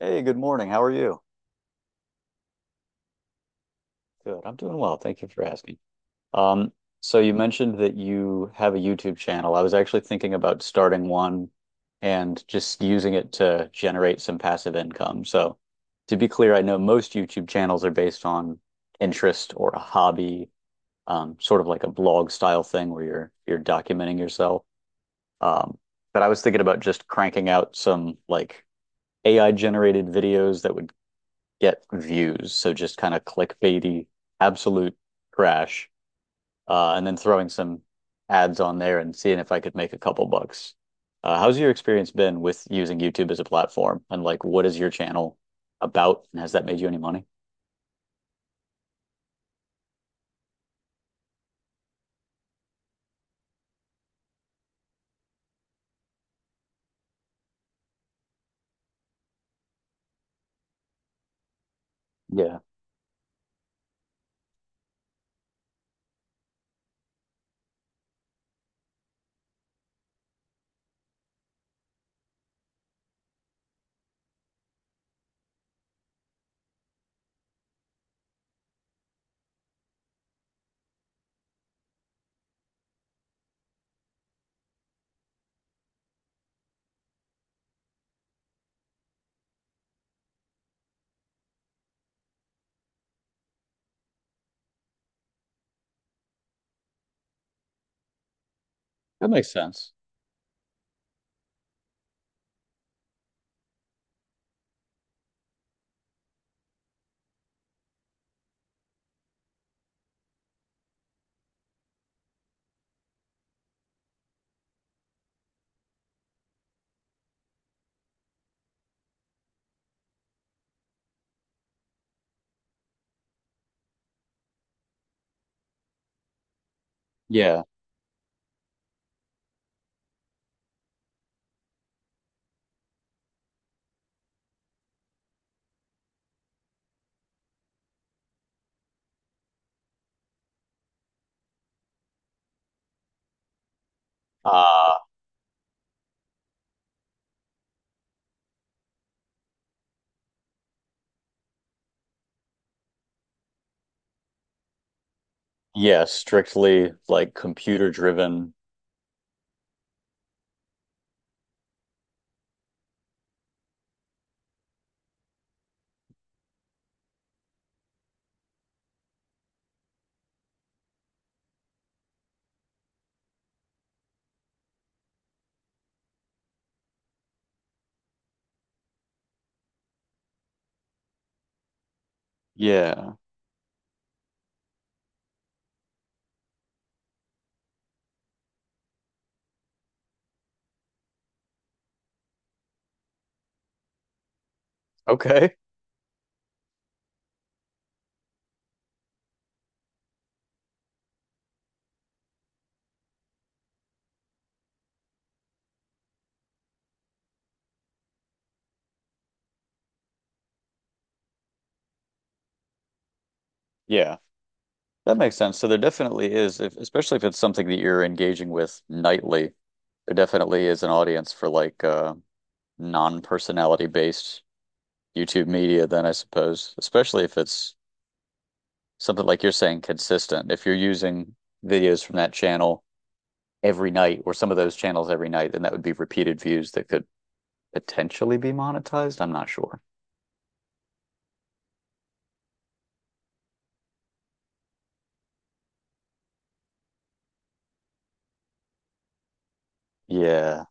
Hey, good morning. How are you? Good. I'm doing well. Thank you for asking. Um, so you mentioned that you have a YouTube channel. I was actually thinking about starting one and just using it to generate some passive income. So to be clear, I know most YouTube channels are based on interest or a hobby, sort of like a blog style thing where you're documenting yourself. Um, but I was thinking about just cranking out some like AI generated videos that would get views. So just kind of clickbaity, absolute trash, and then throwing some ads on there and seeing if I could make a couple bucks. How's your experience been with using YouTube as a platform? And like, what is your channel about? And has that made you any money? Yeah, that makes sense. Yeah. Uh, yeah, strictly like computer driven. Yeah. Okay. Yeah. That makes sense. So there definitely is, if, especially if it's something that you're engaging with nightly, there definitely is an audience for like non-personality based YouTube media then I suppose, especially if it's something like you're saying consistent. If you're using videos from that channel every night or some of those channels every night, then that would be repeated views that could potentially be monetized. I'm not sure. Yeah.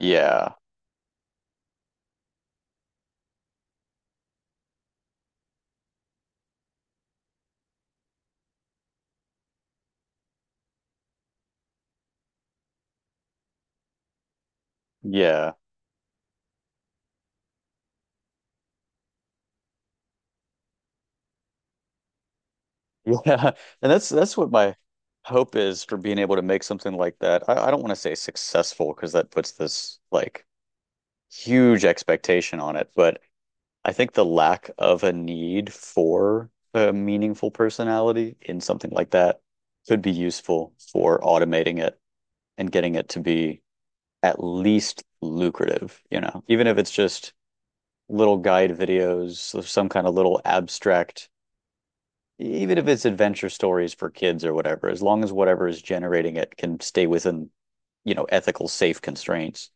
Yeah. Yeah. Yeah, and that's what my hope is for being able to make something like that. I don't want to say successful because that puts this like huge expectation on it, but I think the lack of a need for a meaningful personality in something like that could be useful for automating it and getting it to be at least lucrative, you know, even if it's just little guide videos of some kind of little abstract even if it's adventure stories for kids or whatever, as long as whatever is generating it can stay within, you know, ethical, safe constraints.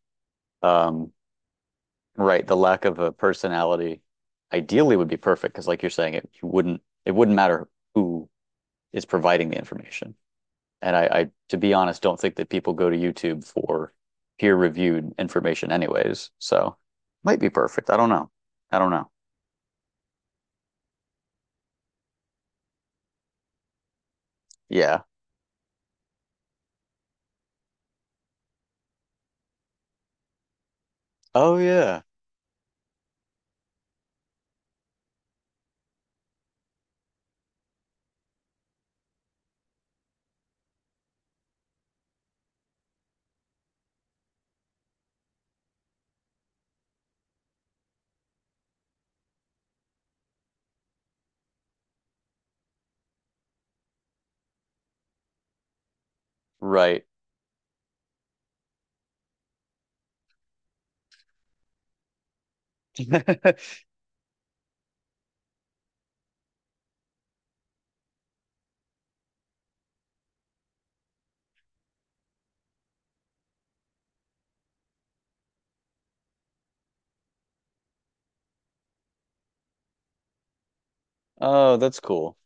Um, right. The lack of a personality ideally would be perfect because, like you're saying, it wouldn't matter who is providing the information. And I to be honest, don't think that people go to YouTube for peer-reviewed information, anyways. So might be perfect. I don't know. I don't know. Yeah. Oh yeah. Right. Oh, that's cool.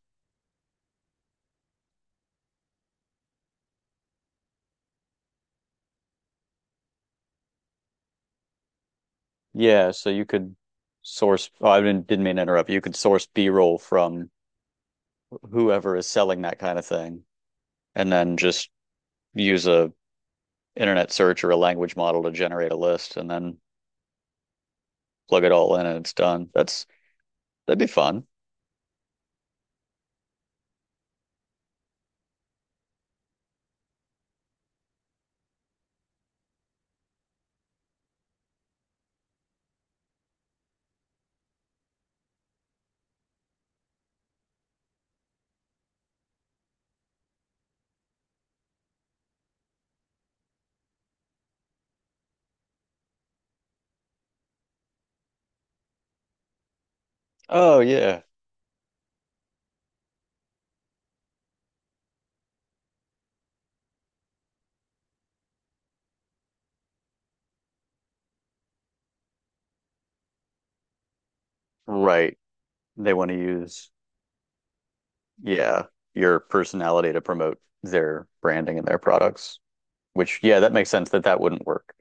Yeah, so you could source. Oh, I didn't mean to interrupt. You could source B-roll from whoever is selling that kind of thing, and then just use a internet search or a language model to generate a list, and then plug it all in, and it's done. That's that'd be fun. Oh yeah, right. They want to use yeah your personality to promote their branding and their products. Which yeah, that makes sense that that wouldn't work.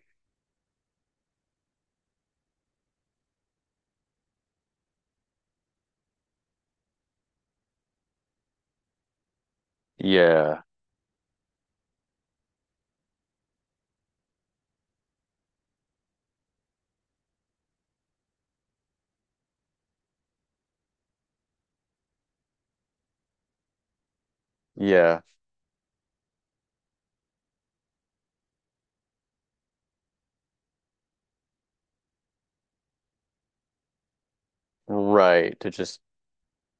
Yeah, yeah, right. To just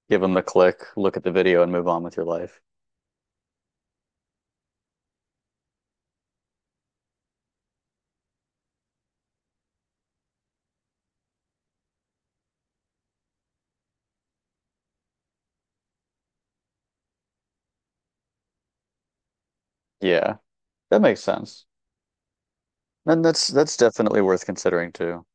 give them the click, look at the video, and move on with your life. Yeah, that makes sense. And that's definitely worth considering too.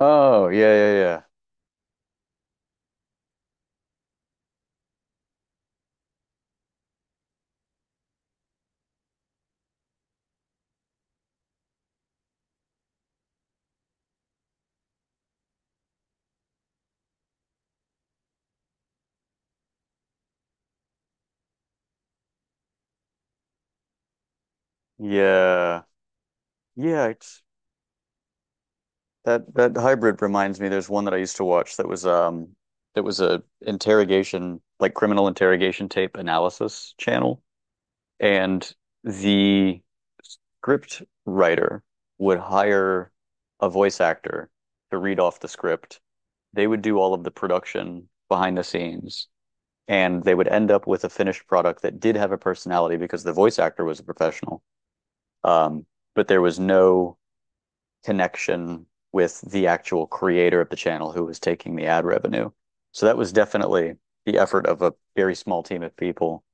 Oh, yeah, yeah, yeah. Yeah. Yeah, it's that that hybrid reminds me there's one that I used to watch that was that was a interrogation like criminal interrogation tape analysis channel and the script writer would hire a voice actor to read off the script. They would do all of the production behind the scenes. And they would end up with a finished product that did have a personality because the voice actor was a professional. Um, but there was no connection with the actual creator of the channel who was taking the ad revenue. So that was definitely the effort of a very small team of people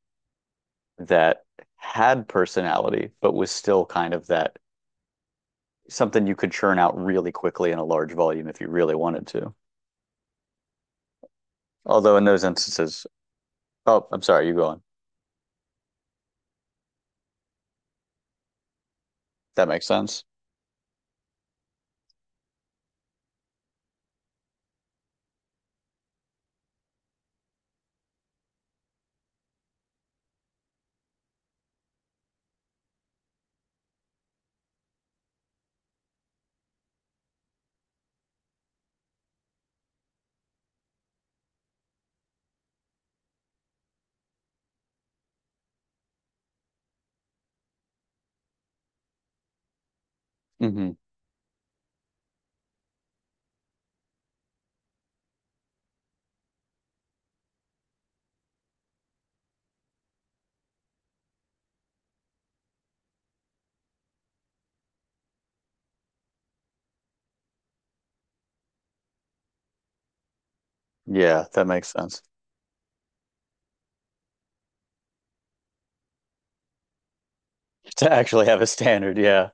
that had personality, but was still kind of that something you could churn out really quickly in a large volume if you really wanted to. Although in those instances, oh, I'm sorry, you go on. That makes sense. Hmm. Yeah, that makes sense. To actually have a standard. Yeah.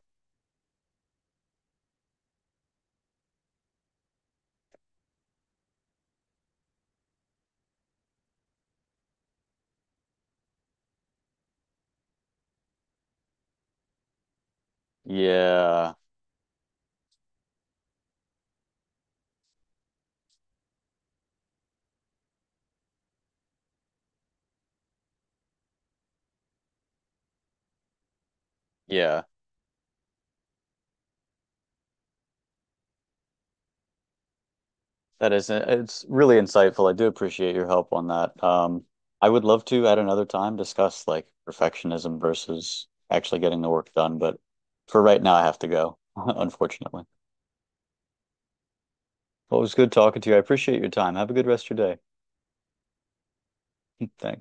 Yeah. Yeah. That is, it's really insightful. I do appreciate your help on that. I would love to at another time discuss like perfectionism versus actually getting the work done, but for right now, I have to go, unfortunately. Well, it was good talking to you. I appreciate your time. Have a good rest of your day. Thanks.